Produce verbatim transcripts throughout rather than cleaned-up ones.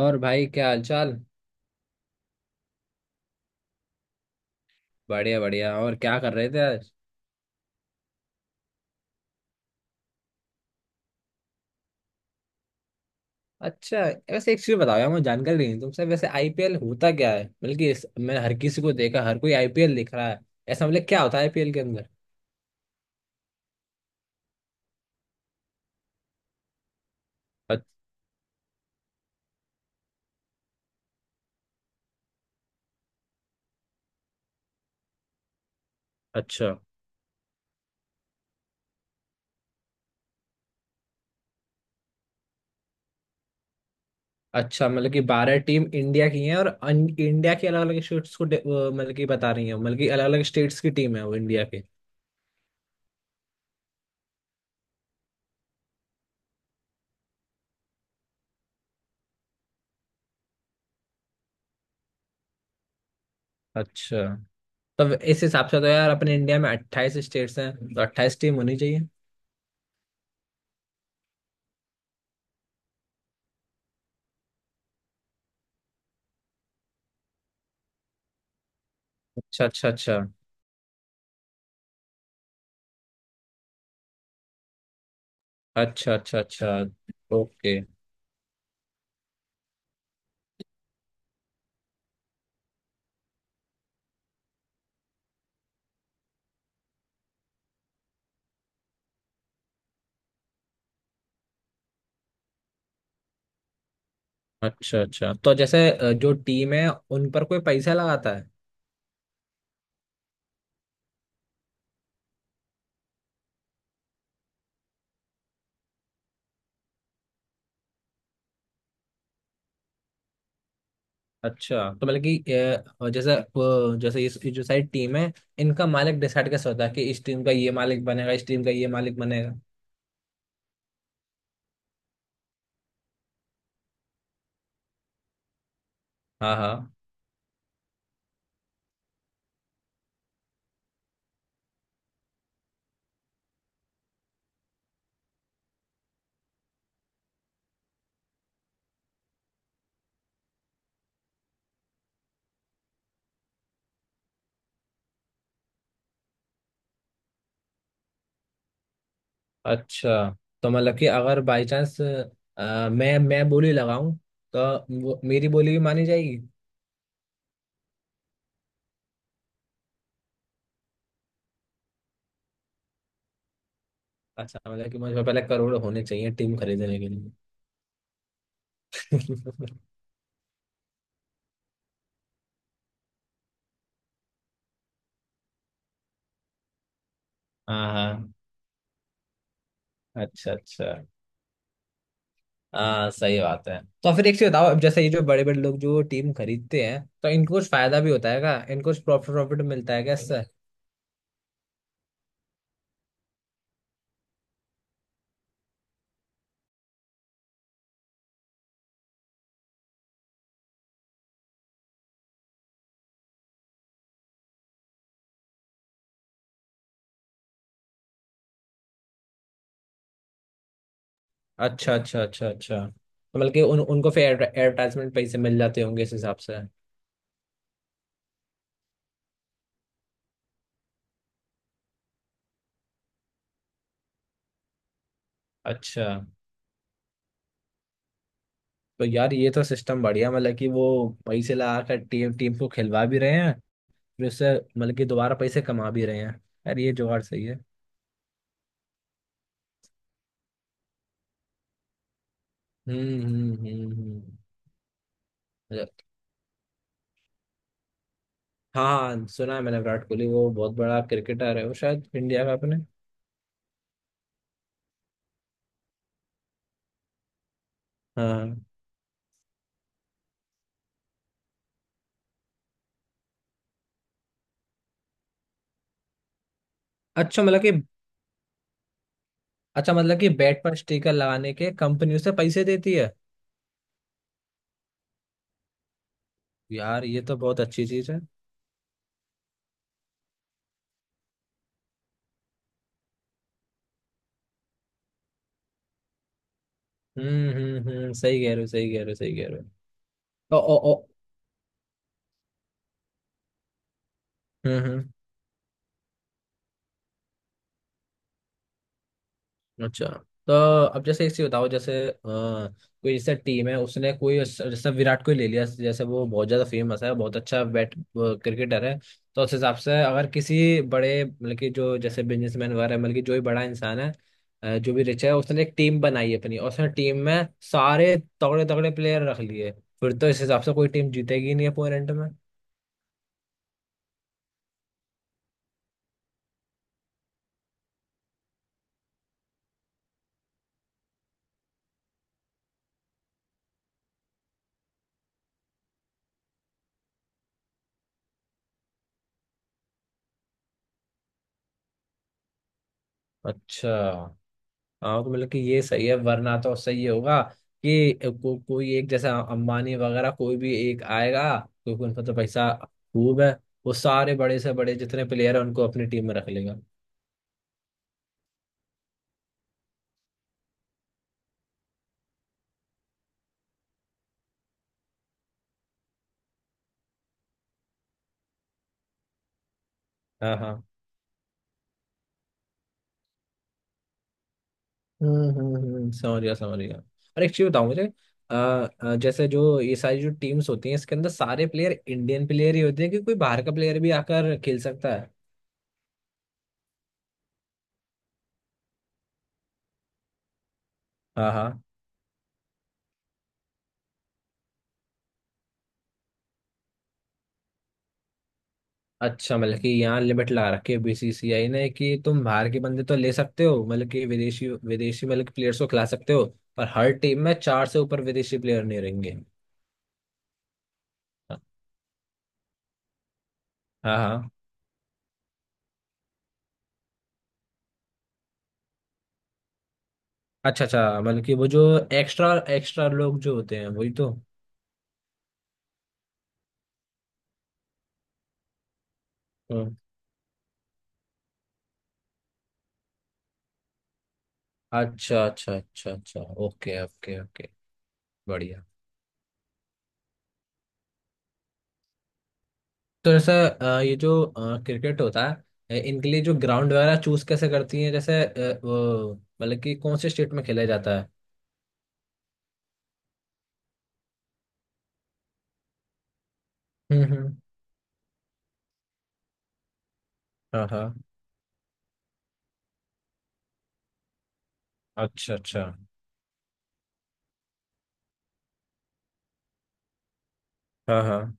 और भाई क्या हालचाल। बढ़िया बढ़िया। और क्या कर रहे थे आज। अच्छा। वैसे एक चीज बताओ यार, मुझे जानकारी नहीं है, तुमसे वैसे आईपीएल होता क्या है। बल्कि इस, मैंने हर किसी को देखा, हर कोई आईपीएल दिख रहा है। ऐसा मतलब क्या होता है आईपीएल के अंदर। अ- अच्छा अच्छा। मतलब कि बारह टीम इंडिया की हैं और अन, इंडिया की अलग अलग स्टेट्स को डे- वो, मतलब कि बता रही हैं, मतलब कि अलग अलग स्टेट्स की टीम है वो इंडिया के। अच्छा। तब इस हिसाब से तो यार अपने इंडिया में अट्ठाईस स्टेट्स हैं, तो अट्ठाईस टीम होनी चाहिए। अच्छा अच्छा अच्छा। अच्छा अच्छा अच्छा। ओके। अच्छा अच्छा। तो जैसे अ, जो टीम है, उन पर कोई पैसा लगाता है। अच्छा तो मतलब कि अ, जैसे अ, जैसे इस ये जो सारी टीम है, इनका मालिक डिसाइड कैसे होता है कि इस टीम का ये मालिक बनेगा, इस टीम का ये मालिक बनेगा। हाँ हाँ। अच्छा। तो मतलब कि अगर बाई चांस मैं मैं बोली लगाऊं, तो वो, मेरी बोली भी मानी जाएगी। अच्छा मतलब कि मुझे पहले करोड़ होने चाहिए टीम खरीदने के लिए। हाँ हाँ। अच्छा अच्छा। हाँ सही बात है। तो फिर एक चीज बताओ, अब जैसे ये जो बड़े बड़े लोग जो टीम खरीदते हैं, तो इनको कुछ फायदा भी होता है क्या, इनको कुछ प्रॉफिट प्रॉफिट मिलता है क्या इससे। अच्छा अच्छा अच्छा अच्छा। तो बल्कि उन उनको फिर एडवर्टाइजमेंट पैसे मिल जाते होंगे इस हिसाब से। अच्छा। तो यार ये तो सिस्टम बढ़िया, मतलब कि वो पैसे लगा कर टीम टीम को खिलवा भी रहे हैं, फिर उससे मतलब कि दोबारा पैसे कमा भी रहे हैं। यार ये जुगाड़ सही है। हम्म हम्म हम्म हम्म। अच्छा, हाँ सुना है मैंने विराट कोहली, वो बहुत बड़ा क्रिकेटर है, वो शायद इंडिया का अपने। हाँ। अच्छा मतलब कि अच्छा मतलब कि बैट पर स्टिकर लगाने के कंपनी उसे पैसे देती है। यार ये तो बहुत अच्छी चीज है। हम्म हम्म हम्म, सही कह रहे हो, सही कह रहे हो, सही कह रहे। हो ओ ओ ओ। हम्म हम्म। अच्छा। तो अब जैसे इसी बताओ, जैसे अ, कोई जैसे टीम है, उसने कोई जैसे विराट कोहली ले लिया, जैसे वो बहुत ज्यादा फेमस है, बहुत अच्छा बैट क्रिकेटर है। तो उस हिसाब से अगर किसी बड़े मतलब कि जो जैसे बिजनेसमैन वगैरह है, मतलब कि जो भी बड़ा इंसान है, अ, जो भी रिच है, उसने एक टीम बनाई अपनी, और उसने टीम में सारे तगड़े तगड़े प्लेयर रख लिए, फिर तो इस हिसाब से कोई टीम जीतेगी नहीं अपोनेंट में। अच्छा। हाँ तो मतलब कि ये सही है, वरना तो सही होगा कि को, कोई एक जैसा अंबानी वगैरह कोई भी एक आएगा, क्योंकि उनका तो पैसा खूब है, वो सारे बड़े से बड़े जितने प्लेयर हैं उनको अपनी टीम में रख लेगा। हाँ हाँ। हम्म हम्म हम्म, समझ गया समझ गया। और एक चीज बताओ मुझे, आ, आ, जैसे जो ये सारी जो टीम्स होती हैं, इसके अंदर सारे प्लेयर इंडियन प्लेयर ही होते हैं, कि कोई बाहर का प्लेयर भी आकर खेल सकता है। हाँ हाँ। अच्छा मतलब कि यहाँ लिमिट ला रखी है बीसीसीआई ने, कि तुम बाहर के बंदे तो ले सकते हो, मतलब कि विदेशी विदेशी मतलब कि प्लेयर्स को खिला सकते हो, पर हर टीम में चार से ऊपर विदेशी प्लेयर नहीं रहेंगे। हाँ हाँ। अच्छा अच्छा मतलब कि वो जो एक्स्ट्रा एक्स्ट्रा लोग जो होते हैं वही तो। हम्म। अच्छा अच्छा अच्छा अच्छा। Okay okay okay. बढ़िया। तो जैसे अ, ये जो क्रिकेट होता है, अ, इनके लिए जो ग्राउंड वगैरह चूज कैसे करती हैं, जैसे अ, वो मतलब कि कौन से स्टेट में खेला जाता है। हम्म हम्म। हाँ हाँ। अच्छा अच्छा। हाँ हाँ।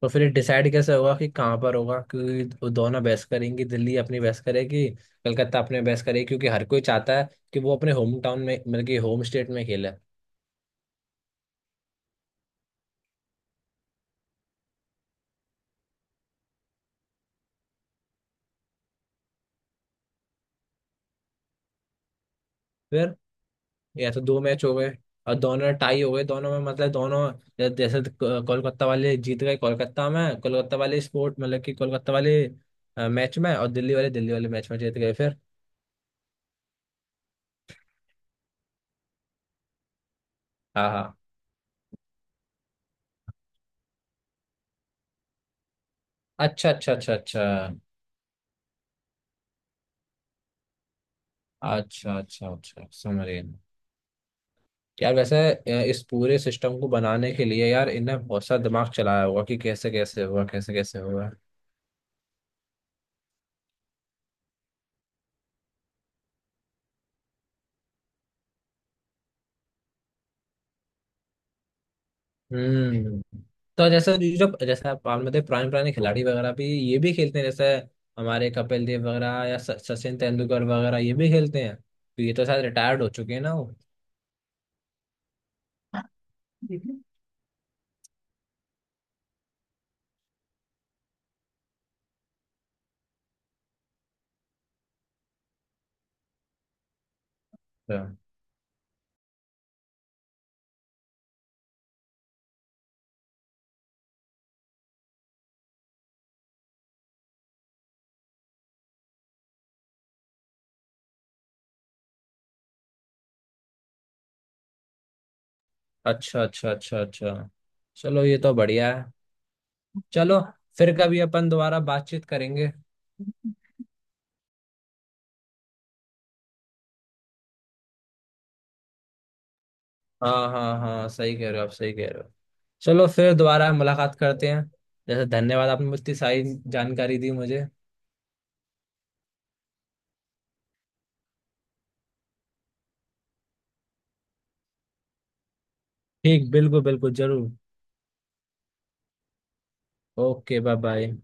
तो फिर ये डिसाइड कैसे होगा कि कहाँ पर होगा, क्योंकि वो दोनों बहस करेंगी, दिल्ली अपनी बहस करेगी, कलकत्ता अपने बहस करेगी, क्योंकि हर कोई चाहता है कि वो अपने होम टाउन में मतलब कि होम स्टेट में खेले। फिर या तो दो मैच हो गए और दोनों टाई हो गए, दोनों में मतलब दोनों जै- जैसे क- कोलकाता वाले जीत गए कोलकाता में, कोलकाता वाले स्पोर्ट मतलब कि कोलकाता वाले मैच में, और दिल्ली वाले दिल्ली वाले मैच में जीत गए फिर। हाँ हाँ। अच्छा अच्छा अच्छा अच्छा। अच्छा अच्छा अच्छा समझ गए। यार वैसे अ, इस पूरे सिस्टम को बनाने के लिए यार इनने बहुत सा दिमाग चलाया होगा, कि कैसे कैसे होगा कैसे कैसे होगा। हम्म। तो जैसे ये जो जैसे आप मान लेते पुराने पुराने खिलाड़ी वगैरह भी ये भी खेलते हैं, जैसे हमारे कपिल देव वगैरह या स- सचिन तेंदुलकर वगैरह ये भी खेलते हैं, तो ये तो शायद रिटायर्ड हो चुके हैं ना वो। अच्छा अच्छा अच्छा अच्छा अच्छा। चलो ये तो बढ़िया है। चलो फिर कभी अपन दोबारा बातचीत करेंगे। हाँ हाँ हाँ सही कह रहे हो, आप सही कह रहे हो। चलो फिर दोबारा मुलाकात करते हैं। जैसे धन्यवाद आपने मुझे इतनी सारी जानकारी दी मुझे। ठीक, बिल्कुल बिल्कुल जरूर। Okay bye bye.